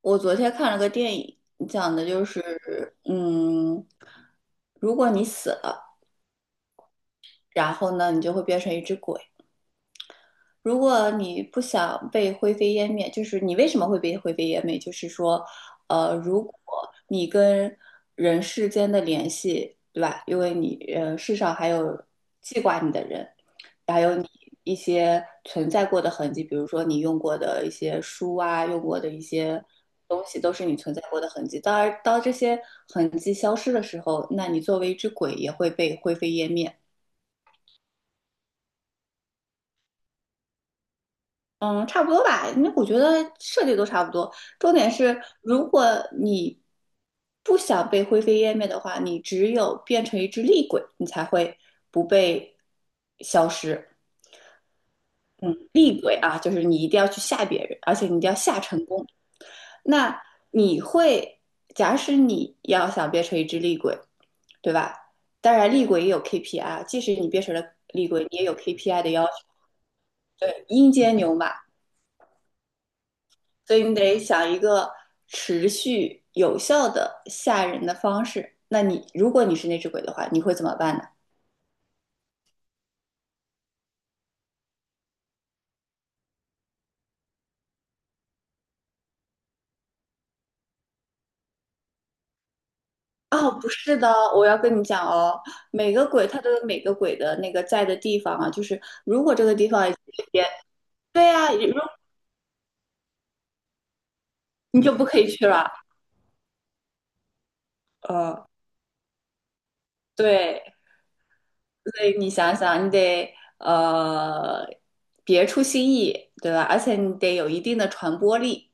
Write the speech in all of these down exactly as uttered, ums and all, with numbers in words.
我昨天看了个电影，讲的就是，嗯，如果你死了，然后呢，你就会变成一只鬼。如果你不想被灰飞烟灭，就是你为什么会被灰飞烟灭？就是说，呃，如果你跟人世间的联系，对吧？因为你，呃，世上还有记挂你的人，还有你一些存在过的痕迹，比如说你用过的一些书啊，用过的一些东西，都是你存在过的痕迹。当然，当这些痕迹消失的时候，那你作为一只鬼也会被灰飞烟灭。嗯，差不多吧，因为我觉得设计都差不多。重点是，如果你不想被灰飞烟灭的话，你只有变成一只厉鬼，你才会不被消失。嗯，厉鬼啊，就是你一定要去吓别人，而且你一定要吓成功。那你会，假使你要想变成一只厉鬼，对吧？当然，厉鬼也有 K P I，即使你变成了厉鬼，你也有 K P I 的要求。对，阴间牛马，所以你得想一个持续有效的吓人的方式。那你如果你是那只鬼的话，你会怎么办呢？哦，不是的，我要跟你讲哦，每个鬼它都有每个鬼的那个在的地方啊，就是如果这个地方也对呀、啊，如你就不可以去了。呃，对，所以你想想，你得呃别出新意，对吧？而且你得有一定的传播力。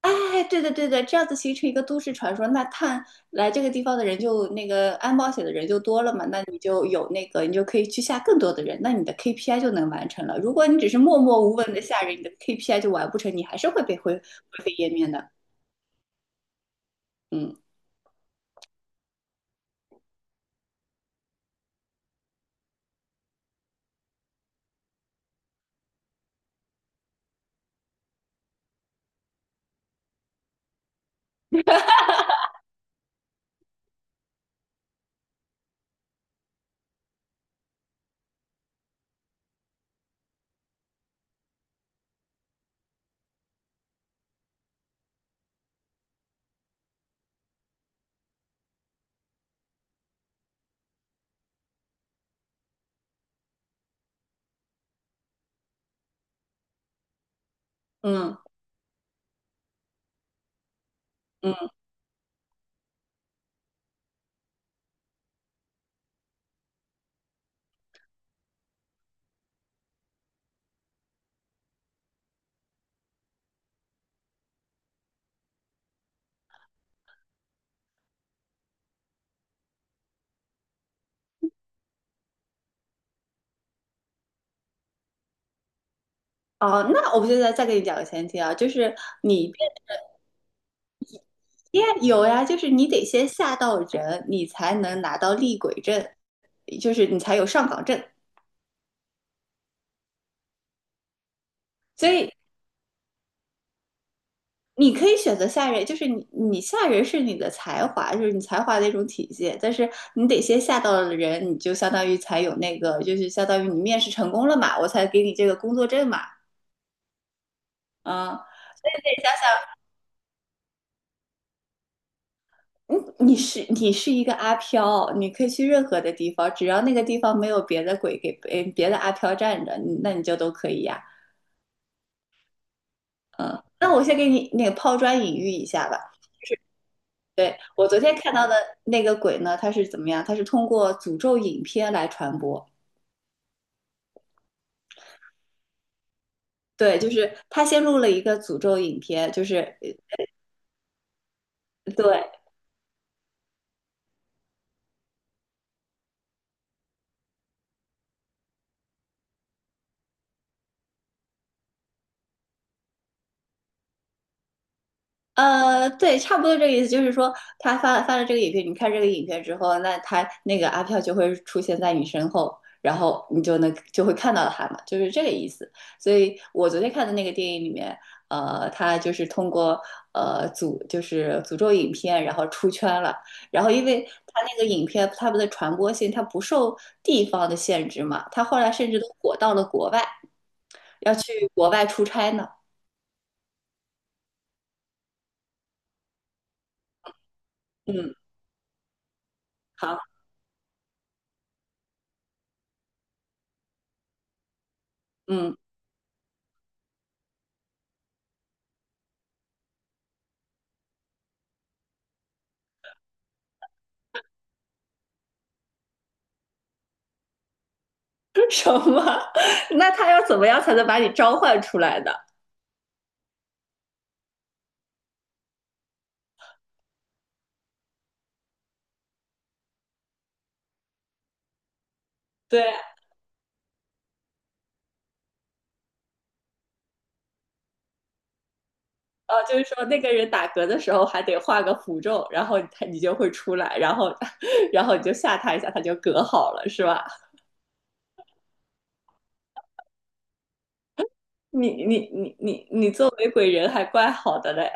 哎，对的对的，这样子形成一个都市传说，那看来这个地方的人就那个安保险的人就多了嘛，那你就有那个，你就可以去吓更多的人，那你的 K P I 就能完成了。如果你只是默默无闻的吓人，你的 K P I 就完不成，你还是会被灰灰飞烟灭的。嗯嗯。嗯哦，那我现在再给你讲个前提啊，就是你变呀，有呀，就是你得先吓到人，你才能拿到厉鬼证，就是你才有上岗证。所以你可以选择吓人，就是你你吓人是你的才华，就是你才华的一种体现。但是你得先吓到了人，你就相当于才有那个，就是相当于你面试成功了嘛，我才给你这个工作证嘛，啊、所以你得想想，嗯，你是你是一个阿飘，你可以去任何的地方，只要那个地方没有别的鬼给别别的阿飘站着，嗯那你就都可以呀、那我先给你那个抛砖引玉一下吧。对，我昨天看到的那个鬼呢，它是怎么样？它是通过诅咒影片来传播。对，就是他先录了一个诅咒影片，就是呃对，呃，对，差不多这个意思，就是说他发发了这个影片，你看这个影片之后，那他那个阿飘就会出现在你身后，然后你就能就会看到他嘛，就是这个意思。所以我昨天看的那个电影里面，呃，他就是通过呃诅就是诅咒影片，然后出圈了。然后因为他那个影片他们的传播性，他不受地方的限制嘛，他后来甚至都火到了国外，要去国外出差呢。嗯，好，嗯。什么？那他要怎么样才能把你召唤出来呢？对，呃哦，就是说那个人打嗝的时候还得画个符咒，然后他你就会出来，然后 然后你就吓他一下，他就嗝好了，是吧？你你你你你作为鬼人还怪好的嘞，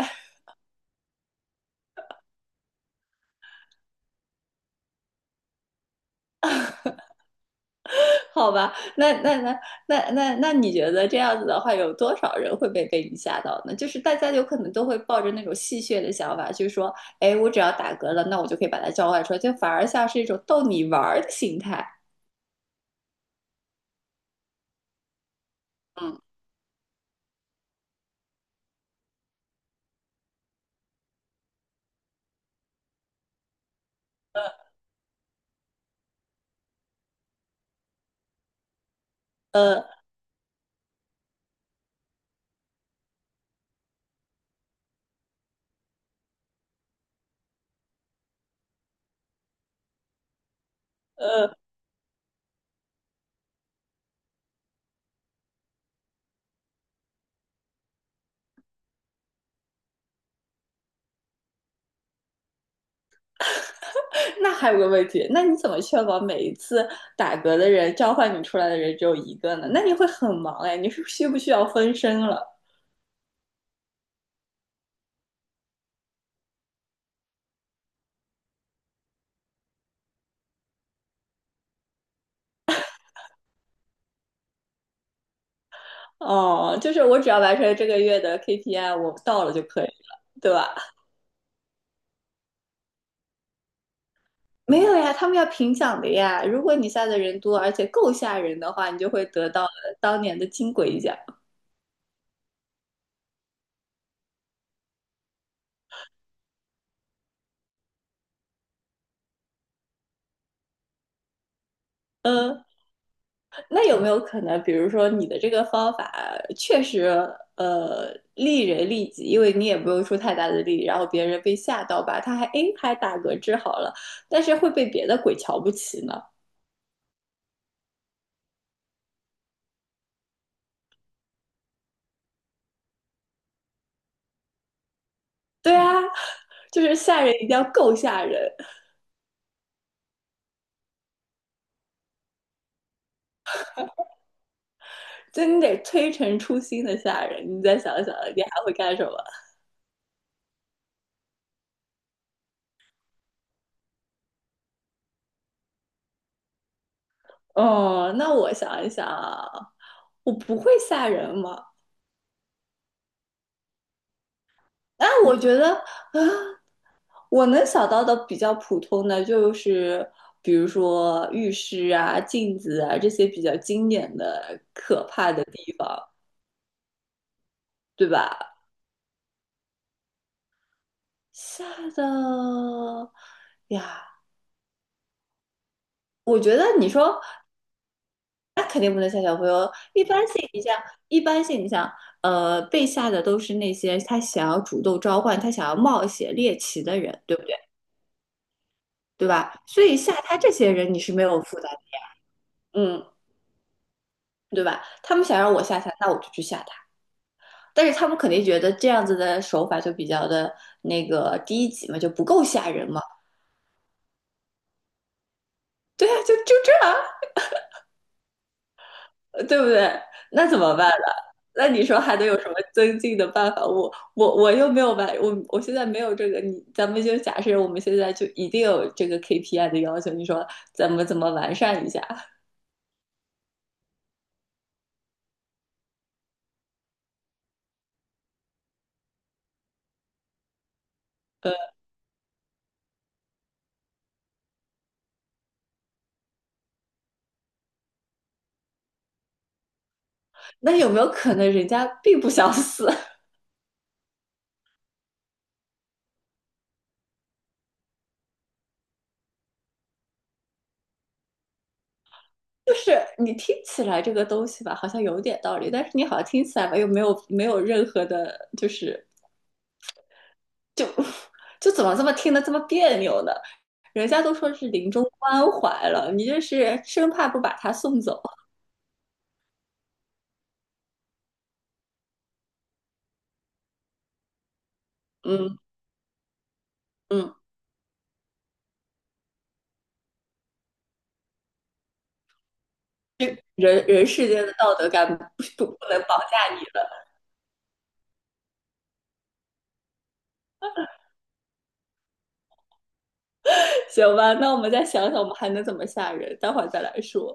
好吧？那那那那那那你觉得这样子的话，有多少人会被被你吓到呢？就是大家有可能都会抱着那种戏谑的想法，就是说，哎，我只要打嗝了，那我就可以把它召唤出来，就反而像是一种逗你玩的心态。嗯，呃呃，那还有个问题，那你怎么确保每一次打嗝的人召唤你出来的人只有一个呢？那你会很忙哎，你是需不需要分身了？哦，就是我只要完成这个月的 K P I，我到了就可以了，对吧？没有呀，他们要评奖的呀。如果你下的人多，而且够吓人的话，你就会得到当年的金龟奖。嗯、那有没有可能，比如说你的这个方法确实呃利人利己，因为你也不用出太大的力，然后别人被吓到吧，他还诶还打嗝治好了，但是会被别的鬼瞧不起呢？对啊，就是吓人一定要够吓人，就你得推陈出新的吓人。你再想想，你还会干什么？哦，那我想一想啊，我不会吓人吗？啊我觉得啊。我能想到的比较普通的就是，比如说浴室啊、镜子啊这些比较经典的可怕的地方，对吧？吓的呀，我觉得你说那肯定不能吓小朋友。一般性，你像一般性，你像呃被吓的都是那些他想要主动召唤、他想要冒险猎奇的人，对不对？对吧？所以吓他这些人你是没有负担的嗯，对吧？他们想让我吓他，那我就去吓他。但是他们肯定觉得这样子的手法就比较的那个低级嘛，就不够吓人嘛。对啊，就就这样，呃对不对？那怎么办呢？那你说还能有什么增进的办法？我我我又没有办，我我现在没有这个。你咱们就假设我们现在就一定有这个 K P I 的要求，你说咱们怎么完善一下？呃，那有没有可能人家并不想死？就是你听起来这个东西吧，好像有点道理，但是你好像听起来吧又没有没有任何的，就是就就怎么这么听得这么别扭呢？人家都说是临终关怀了，你这是生怕不把他送走。嗯嗯，人人世间的道德感不不不能绑架你了，行吧？那我们再想想，我们还能怎么吓人？待会儿再来说。